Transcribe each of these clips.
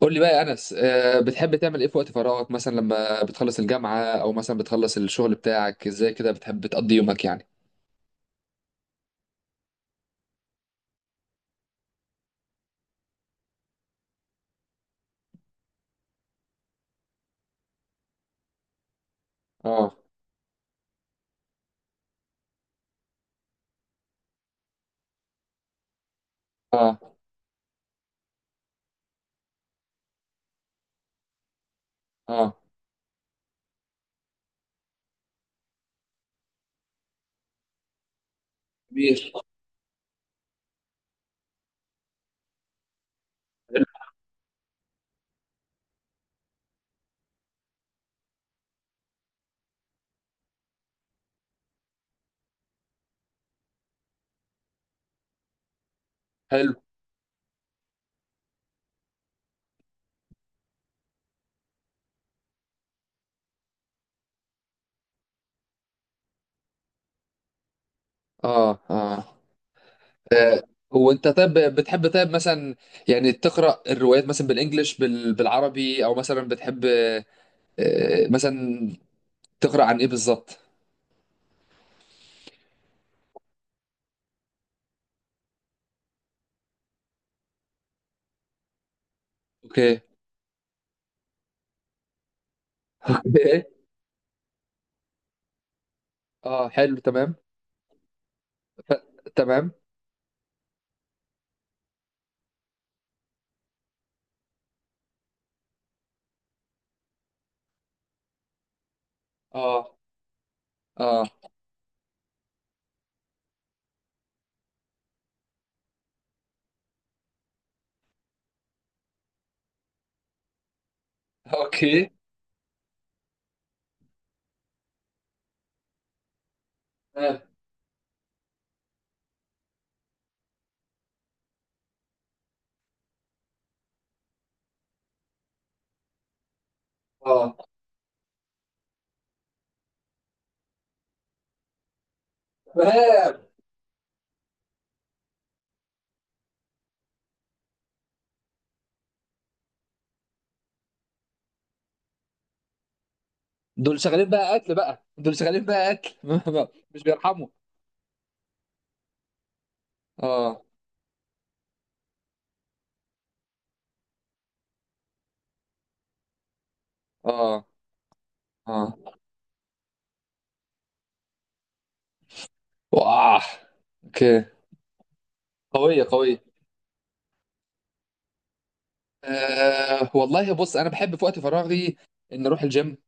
قول لي بقى يا انس، بتحب تعمل ايه في وقت فراغك؟ مثلا لما بتخلص الجامعه، او مثلا بتخلص الشغل بتاعك، ازاي كده بتحب تقضي يومك يعني؟ اه. اه. اه. جميل. حلو. حلو. اه. اه. آه، هو انت طيب بتحب طيب مثلا، يعني تقرا الروايات مثلا بالانجلش بالعربي، او مثلا بتحب مثلا تقرا عن ايه بالظبط؟ اوكي. اوكي. اه، حلو، تمام. ف... تمام. اه. اه. اوكي. تمام. اه. تمام. دول شغالين بقى قتل بقى، دول شغالين بقى قتل. مش بيرحموا. اه. اه. اه. واه. اوكي. قوية قوية. والله بص، انا بحب في وقت فراغي ان اروح الجيم.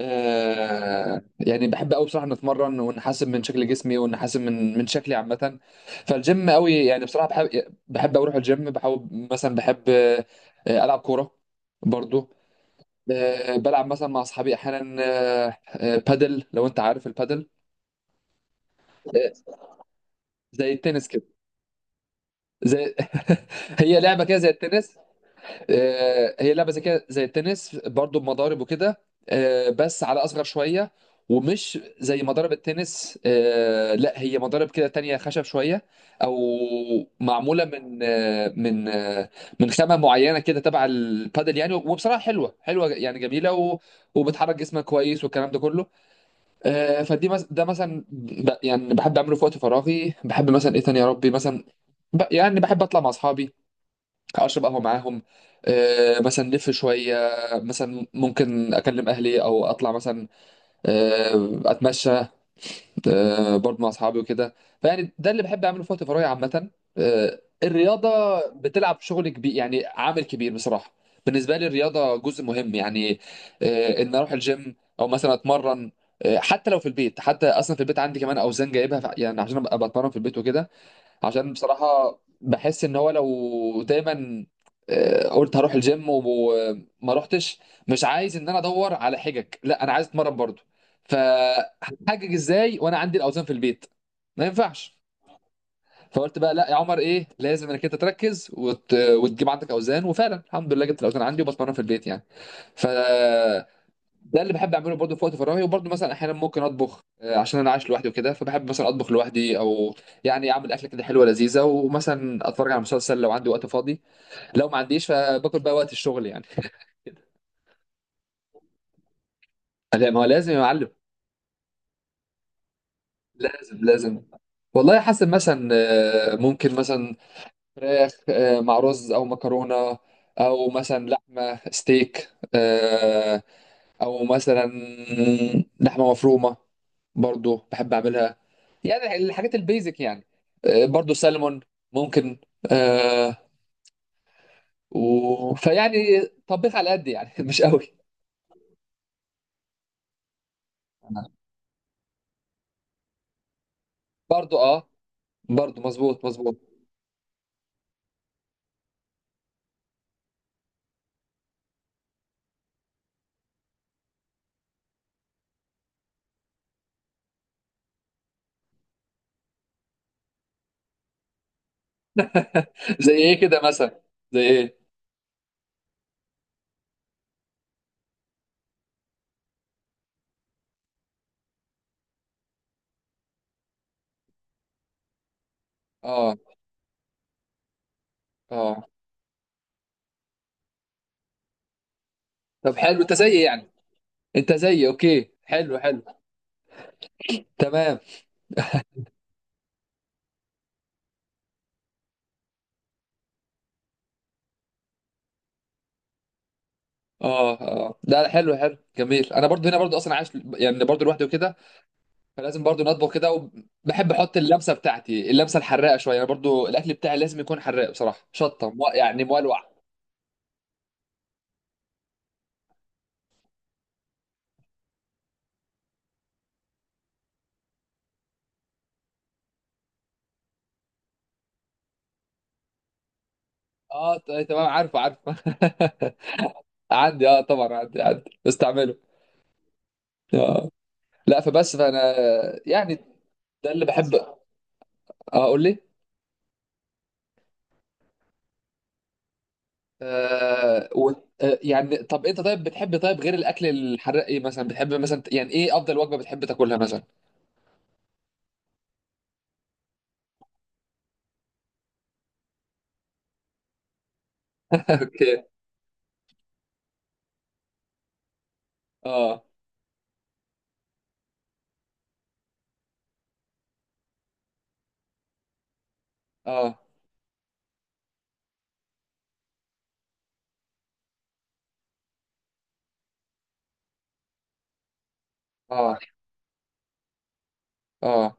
يعني بحب قوي بصراحة ان اتمرن، وان احسن من شكل جسمي، وان احسن من شكلي عامة. فالجيم قوي يعني، بصراحة بحب اروح الجيم. بحاول مثلا بحب العب كورة برضو. بلعب مثلا مع اصحابي احيانا بادل، لو انت عارف البادل. زي التنس كده. زي هي لعبه كده زي التنس. هي لعبه زي كده زي التنس برضو، بمضارب وكده. بس على اصغر شويه. ومش زي مضارب التنس، لا هي مضارب كده تانية، خشب شويه. او معموله من من خامه معينه كده تبع البادل يعني. وبصراحه حلوه حلوه يعني، جميله وبتحرك جسمك كويس والكلام ده كله. ده مثلا يعني بحب اعمله في وقت فراغي. بحب مثلا ايه تاني يا ربي؟ مثلا يعني بحب اطلع مع اصحابي، اشرب قهوه معاهم، مثلا نلف شويه. مثلا ممكن اكلم اهلي، او اطلع مثلا اتمشى برضه مع اصحابي وكده. فيعني ده اللي بحب اعمله في وقت فراغي عامه. الرياضه بتلعب شغل كبير يعني، عامل كبير بصراحه. بالنسبه لي الرياضه جزء مهم يعني، ان اروح الجيم او مثلا اتمرن. حتى لو في البيت، حتى اصلا في البيت عندي كمان اوزان جايبها يعني عشان ابقى بتمرن في البيت وكده. عشان بصراحة بحس ان هو لو دايما قلت هروح الجيم وما رحتش، مش عايز ان انا ادور على حجج. لا انا عايز اتمرن برضو. فهحجج ازاي وانا عندي الاوزان في البيت؟ ما ينفعش. فقلت بقى لا يا عمر ايه، لازم انك انت تركز وتجيب عندك اوزان، وفعلا الحمد لله جبت الاوزان عندي وبتمرن في البيت يعني. ف ده اللي بحب اعمله برضه في وقت فراغي. وبرضه مثلا احيانا ممكن اطبخ، عشان انا عايش لوحدي وكده. فبحب مثلا اطبخ لوحدي، او يعني اعمل اكله كده حلوه لذيذه، ومثلا اتفرج على مسلسل لو عندي وقت فاضي. لو ما عنديش فباكل بقى وقت الشغل يعني. لا ما هو لازم يا معلم. لازم لازم. والله حاسس مثلا ممكن مثلا فراخ مع رز او مكرونه، او مثلا لحمه ستيك، او مثلا لحمه مفرومه برضو بحب اعملها. يعني الحاجات البيزك يعني. برضو سلمون ممكن. آه فيعني طبيخ على قد يعني، مش قوي. برضو اه. برضو مظبوط مظبوط. زي ايه كده مثلا؟ زي ايه؟ اه. اه. طب حلو، انت زي يعني، انت زي، اوكي حلو حلو تمام. اه. اه. لا لا، حلو حلو جميل. انا برضو هنا برضو اصلا عايش يعني، برضو لوحدي وكده. فلازم برضو نطبخ كده. وبحب احط اللمسه بتاعتي، اللمسه الحراقه شويه. انا برضو الاكل بتاعي لازم يكون حراق بصراحه، شطه يعني مولوع. اه، تمام، عارفه عارفه. عندي، اه طبعا عندي بستعمله. اه. لا فبس فانا يعني ده اللي بحب، اه اقول لي. آه و... آه يعني طب انت طيب بتحب طيب غير الاكل الحراق، ايه مثلا بتحب مثلا يعني ايه افضل وجبه بتحب تاكلها مثلا؟ اوكي. اه. اه. اه. اه.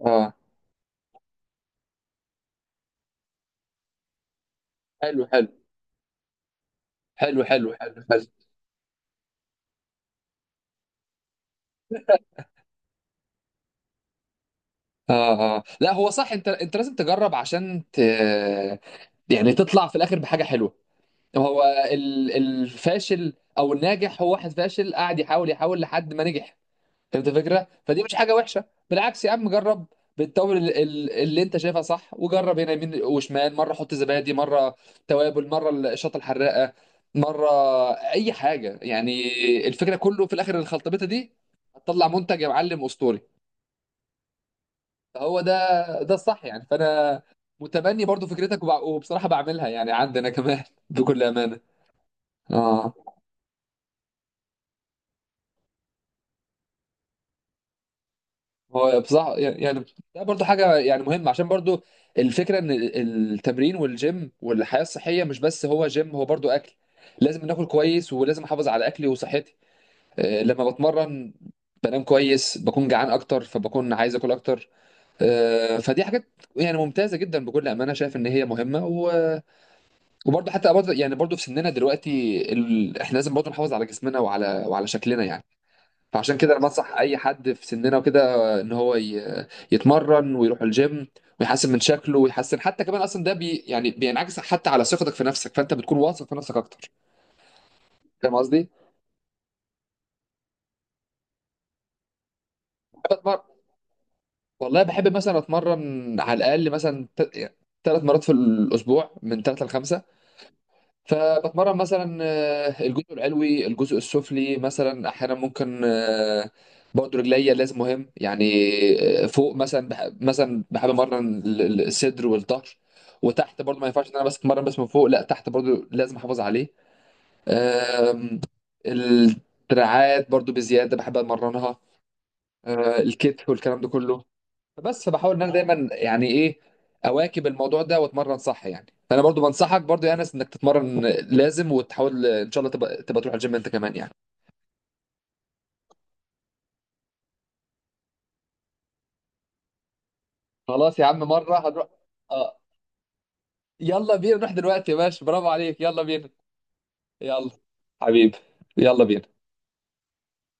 اه. حلو حلو حلو حلو. حلو حلو. اه اه، لا هو صح. انت لازم تجرب عشان يعني تطلع في الاخر بحاجه حلوه. هو الفاشل او الناجح هو واحد فاشل قاعد يحاول يحاول لحد ما نجح. فهمت الفكره؟ فدي مش حاجه وحشه، بالعكس يا عم جرب. بالتوابل اللي انت شايفها صح، وجرب هنا يمين وشمال، مره حط زبادي، مره توابل، مره الشطه الحراقه، مره اي حاجه يعني. الفكره كله في الاخر الخلطبيطه دي هتطلع منتج يا معلم اسطوري. فهو ده الصح يعني. فانا متبني برضو فكرتك، وبصراحه بعملها يعني عندنا كمان. بكل امانه. اه. هو بصراحة يعني ده برضو حاجة يعني مهمة، عشان برضو الفكرة ان التمرين والجيم والحياة الصحية، مش بس هو جيم، هو برضو اكل. لازم ناكل كويس، ولازم احافظ على اكلي وصحتي. لما بتمرن بنام كويس، بكون جعان اكتر فبكون عايز اكل اكتر. فدي حاجات يعني ممتازة جدا بكل امانة. شايف ان هي مهمة وبرضو حتى برضو يعني، برضو في سننا دلوقتي احنا لازم برضو نحافظ على جسمنا وعلى شكلنا يعني. فعشان كده انا بنصح اي حد في سننا وكده ان هو يتمرن ويروح الجيم، ويحسن من شكله، ويحسن حتى كمان اصلا ده بي يعني بينعكس حتى على ثقتك في نفسك، فانت بتكون واثق في نفسك اكتر. فاهم قصدي؟ بتمرن، والله بحب مثلا اتمرن على الاقل مثلا 3 مرات في الاسبوع، من 3 ل5. فبتمرن مثلا الجزء العلوي الجزء السفلي، مثلا احيانا ممكن برضه رجليا لازم، مهم يعني. فوق مثلا مثلا بحب امرن الصدر والظهر، وتحت برضه ما ينفعش ان انا بس اتمرن بس من فوق، لا تحت برضه لازم احافظ عليه. آم، الدراعات برضه بزياده بحب اتمرنها، الكتف والكلام ده كله. بس بحاول ان انا دايما يعني ايه اواكب الموضوع ده واتمرن صح يعني. فانا برضو بنصحك برضو يا انس انك تتمرن لازم، وتحاول ان شاء الله تبقى تروح الجيم انت كمان يعني. خلاص يا عم، مره هنروح. اه، يلا بينا نروح دلوقتي يا باشا، برافو عليك، يلا بينا. يلا. حبيبي. يلا بينا.